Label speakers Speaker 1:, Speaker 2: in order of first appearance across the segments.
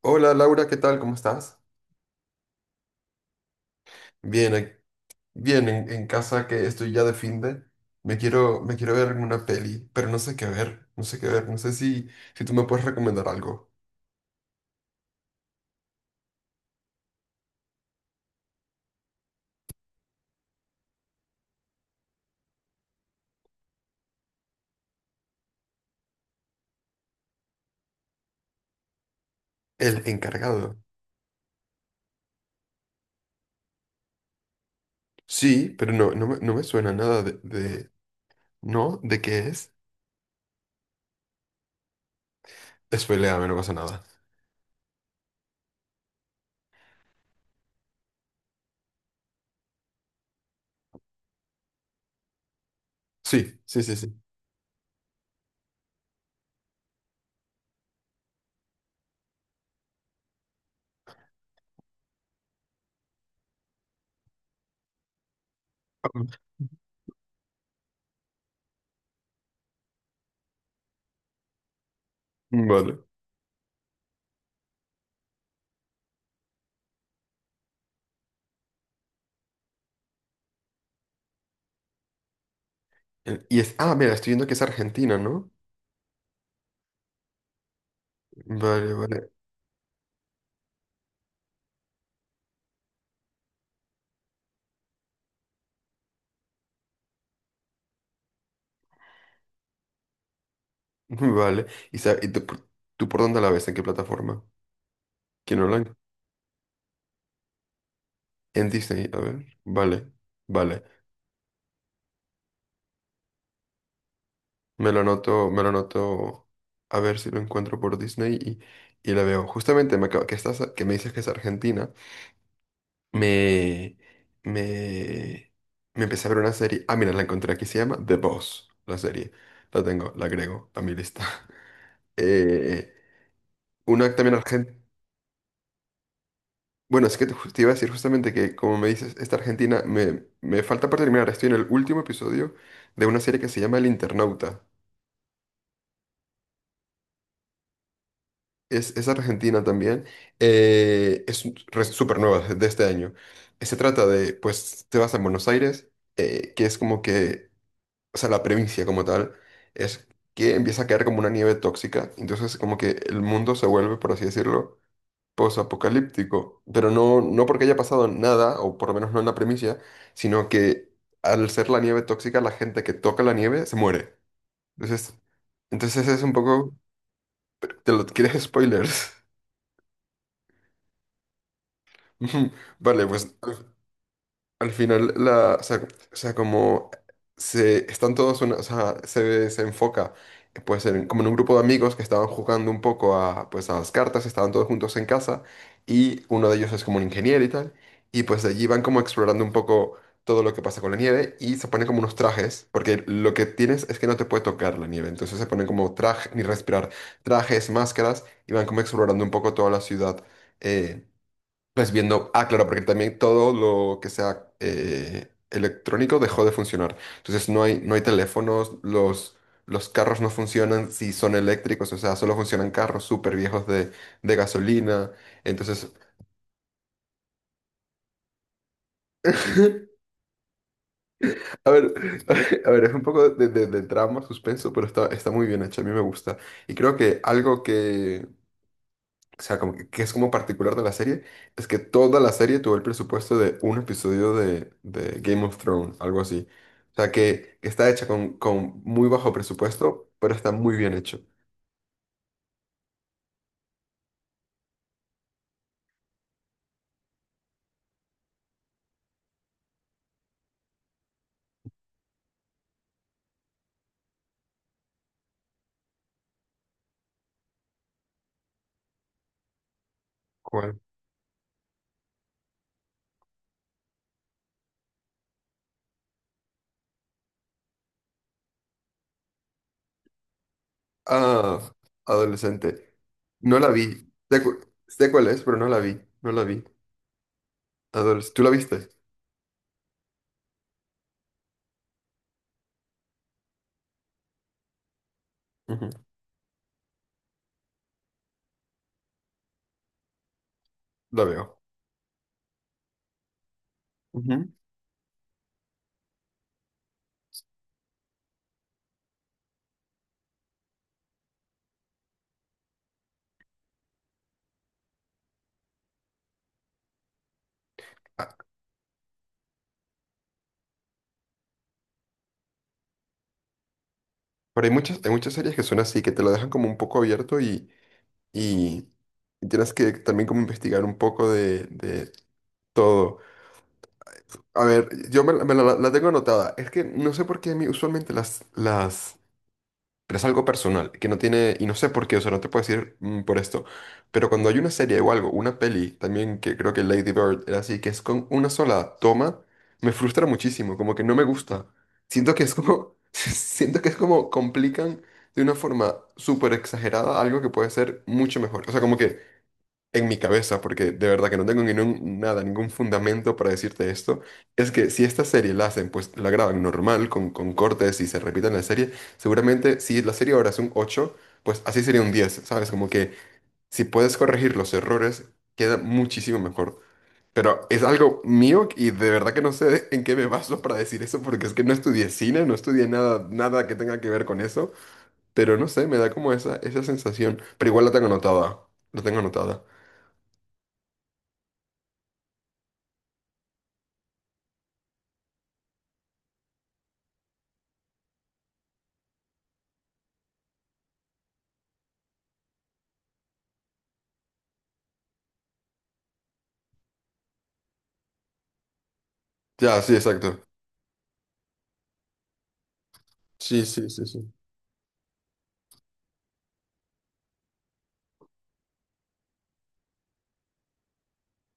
Speaker 1: Hola, Laura, ¿qué tal? ¿Cómo estás? Bien, bien en casa, que estoy ya de fin de. Me quiero ver una peli, pero no sé qué ver, no sé qué ver, no sé si tú me puedes recomendar algo. El encargado. Sí, pero no me suena nada ¿No? ¿De qué es? Spoiléame, no pasa nada. Sí, sí, sí, sí. Mm. Vale. Y es... Ah, mira, estoy viendo que es Argentina, ¿no? Vale, vale, vale. Y tú, por tú por dónde la ves? ¿En qué plataforma? ¿Quién no la En Disney, a ver. Vale, vale. Me lo anoto, me lo anoto, a ver si lo encuentro por Disney y la veo. Justamente que estás, que me dices que es Argentina, me, me, me empecé a ver una serie. Ah, mira, la encontré aquí, se llama The Boss, la serie. La tengo, la agrego a mi lista. Eh, una también argentina. Bueno, es que te iba a decir justamente que, como me dices, esta Argentina me falta por terminar. Estoy en el último episodio de una serie que se llama El Internauta. Es argentina también. Es súper nueva, de este año. Se trata de, pues, te vas a Buenos Aires, que es como que, o sea, la provincia como tal, es que empieza a caer como una nieve tóxica. Entonces, como que el mundo se vuelve, por así decirlo, posapocalíptico. Pero no porque haya pasado nada, o por lo menos no en la primicia, sino que al ser la nieve tóxica, la gente que toca la nieve se muere. Entonces, entonces es un poco, te lo quieres spoilers. Ujú. Vale, al final la, o sea, como se están todos, o sea, se enfoca pues como en un grupo de amigos que estaban jugando un poco a, pues, a las cartas, estaban todos juntos en casa y uno de ellos es como un ingeniero y tal, y pues de allí van como explorando un poco todo lo que pasa con la nieve y se ponen como unos trajes, porque lo que tienes es que no te puede tocar la nieve, entonces se ponen como traje, ni respirar, trajes, máscaras y van como explorando un poco toda la ciudad. eh, pues viendo, ah, claro, porque también todo lo que sea electrónico dejó de funcionar. Entonces no hay, no hay teléfonos, los carros no funcionan si son eléctricos, o sea, solo funcionan carros súper viejos de gasolina. Entonces, a ver, a ver, es un poco de drama, suspenso, pero está, está muy bien hecho, a mí me gusta. Y creo que algo que o sea, como que es como particular de la serie, es que toda la serie tuvo el presupuesto de un episodio de Game of Thrones, algo así. O sea, que está hecha con muy bajo presupuesto, pero está muy bien hecho. ¿Cuál? Ah, adolescente. No la vi. Sé cuál es, pero no la vi. No la vi. Adoles- ¿Tú la viste? Ujú. La veo. Ujú. Ah, pero hay muchas series que son así, que te lo dejan como un poco abierto y, y tienes que también como investigar un poco de todo. A ver, la tengo anotada. Es que no sé por qué a mí usualmente las... Pero es algo personal, que no tiene... Y no sé por qué, o sea, no te puedo decir mm, por esto. Pero cuando hay una serie o algo, una peli, también que creo que Lady Bird era así, que es con una sola toma, me frustra muchísimo, como que no me gusta. Siento que es como... Siento que es como complican de una forma súper exagerada algo que puede ser mucho mejor. O sea, como que en mi cabeza, porque de verdad que no tengo nada, ningún fundamento para decirte esto, es que si esta serie la hacen, pues la graban normal, con cortes y se repiten la serie, seguramente si la serie ahora es un ocho, pues así sería un diez, ¿sabes? Como que si puedes corregir los errores, queda muchísimo mejor. Pero es algo mío y de verdad que no sé en qué me baso para decir eso, porque es que no estudié cine, no estudié nada, nada que tenga que ver con eso, pero no sé, me da como esa sensación, pero igual la tengo anotada, la tengo anotada. Ya, sí, exacto. Sí, sí, sí, sí.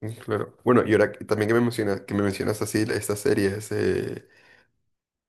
Speaker 1: Mm, claro. Bueno, y ahora también que me mencionas así estas series,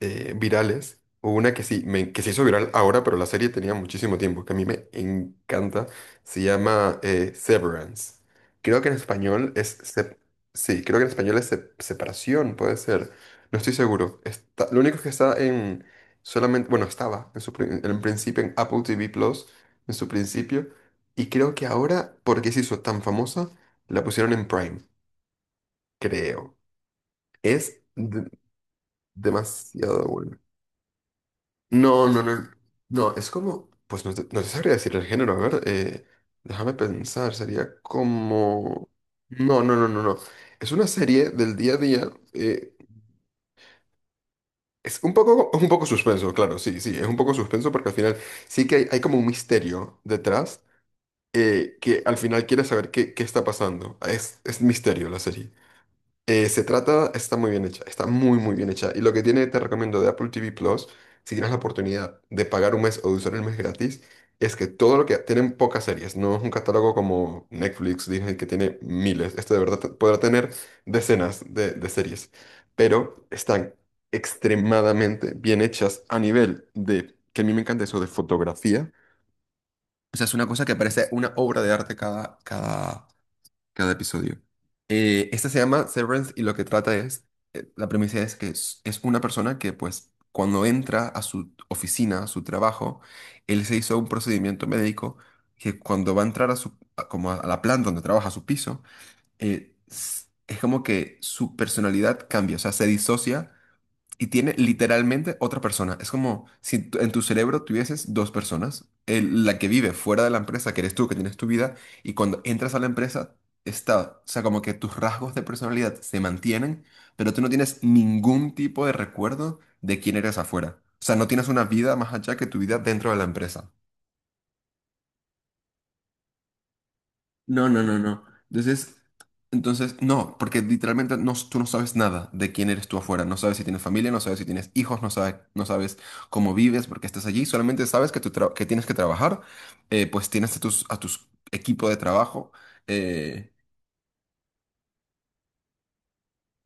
Speaker 1: virales. Hubo una que sí, que se hizo viral ahora, pero la serie tenía muchísimo tiempo, que a mí me encanta. Se llama Severance. Creo que en español es... sí, creo que en español es sep- separación, puede ser. No estoy seguro. Está, lo único es que está en... Solamente, bueno, estaba en en principio en Apple TV Plus, en su principio. Y creo que ahora, porque se hizo tan famosa, la pusieron en Prime, creo. Es de- demasiado bueno. No, no, no. No, es como. Pues no te sabría decir el género. A ver, déjame pensar. Sería como. No, no, no, no, no. Es una serie del día a día. Es un poco suspenso, claro, sí, sí. Es un poco suspenso porque al final sí que hay como un misterio detrás que al final quieres saber qué, qué está pasando. Es misterio la serie. Se trata, está muy bien hecha, está muy muy bien hecha. Y lo que tiene, te recomiendo de Apple TV Plus, si tienes la oportunidad de pagar un mes o de usar el mes gratis, es que todo lo que tienen pocas series, no es un catálogo como Netflix, Disney, que tiene miles. Este de verdad podrá tener decenas de series, pero están extremadamente bien hechas a nivel de, que a mí me encanta eso de fotografía. O sea, es una cosa que parece una obra de arte cada, cada episodio. Esta se llama Severance y lo que trata es, la premisa es que es una persona que pues cuando entra a su oficina, a su trabajo, él se hizo un procedimiento médico que cuando va a entrar a como a la planta donde trabaja, a su piso, es como que su personalidad cambia, o sea, se disocia y tiene literalmente otra persona. Es como si en tu cerebro tuvieses dos personas. La que vive fuera de la empresa, que eres tú, que tienes tu vida, y cuando entras a la empresa, está, o sea, como que tus rasgos de personalidad se mantienen, pero tú no tienes ningún tipo de recuerdo de quién eres afuera. O sea, no tienes una vida más allá que tu vida dentro de la empresa. No, no, no, no. Entonces, entonces, no, porque literalmente no, tú no sabes nada de quién eres tú afuera. No sabes si tienes familia, no sabes si tienes hijos, no sabes, no sabes cómo vives porque estás allí. Solamente sabes que, que tienes que trabajar, pues tienes a a tus equipo de trabajo. Eh,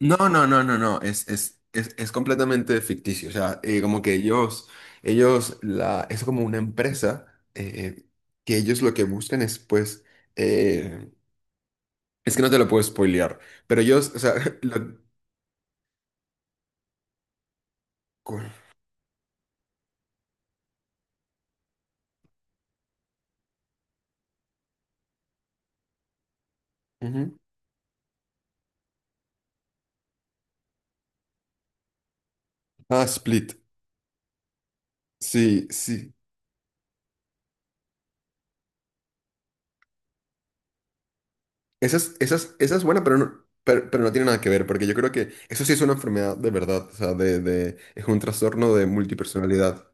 Speaker 1: No, no, no, no, no. Es completamente ficticio. O sea, como que ellos, es como una empresa eh, que ellos lo que buscan es, pues, eh, Es que no te lo puedo spoilear, pero yo, o sea, la- cu- Ujú. Ah, Split. Sí, sí. Esa es, esa es buena, pero no tiene nada que ver, porque yo creo que eso sí es una enfermedad de verdad, o sea, de, es un trastorno de multipersonalidad.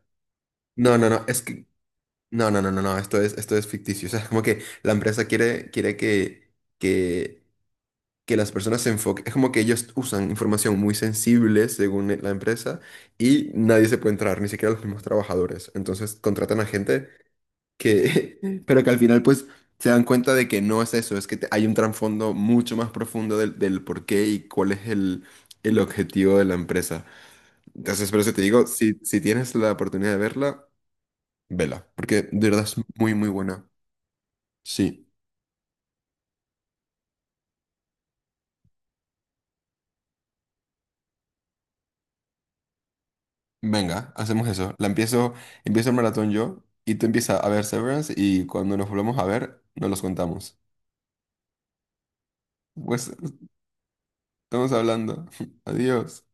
Speaker 1: No, no, no, es que, no, no, no, no, no, esto es ficticio, o sea, es como que la empresa quiere, quiere que, que que las personas se enfoquen, es como que ellos usan información muy sensible según la empresa y nadie se puede entrar, ni siquiera los mismos trabajadores. Entonces contratan a gente que, pero que al final pues se dan cuenta de que no es eso, es que hay un trasfondo mucho más profundo del por qué y cuál es el objetivo de la empresa. Entonces, por eso te digo, si tienes la oportunidad de verla, vela, porque de verdad es muy, muy buena. Sí. Venga, hacemos eso. La empiezo, empiezo el maratón yo y tú empiezas a ver Severance y cuando nos volvamos a ver, nos los contamos. Pues estamos hablando. Adiós.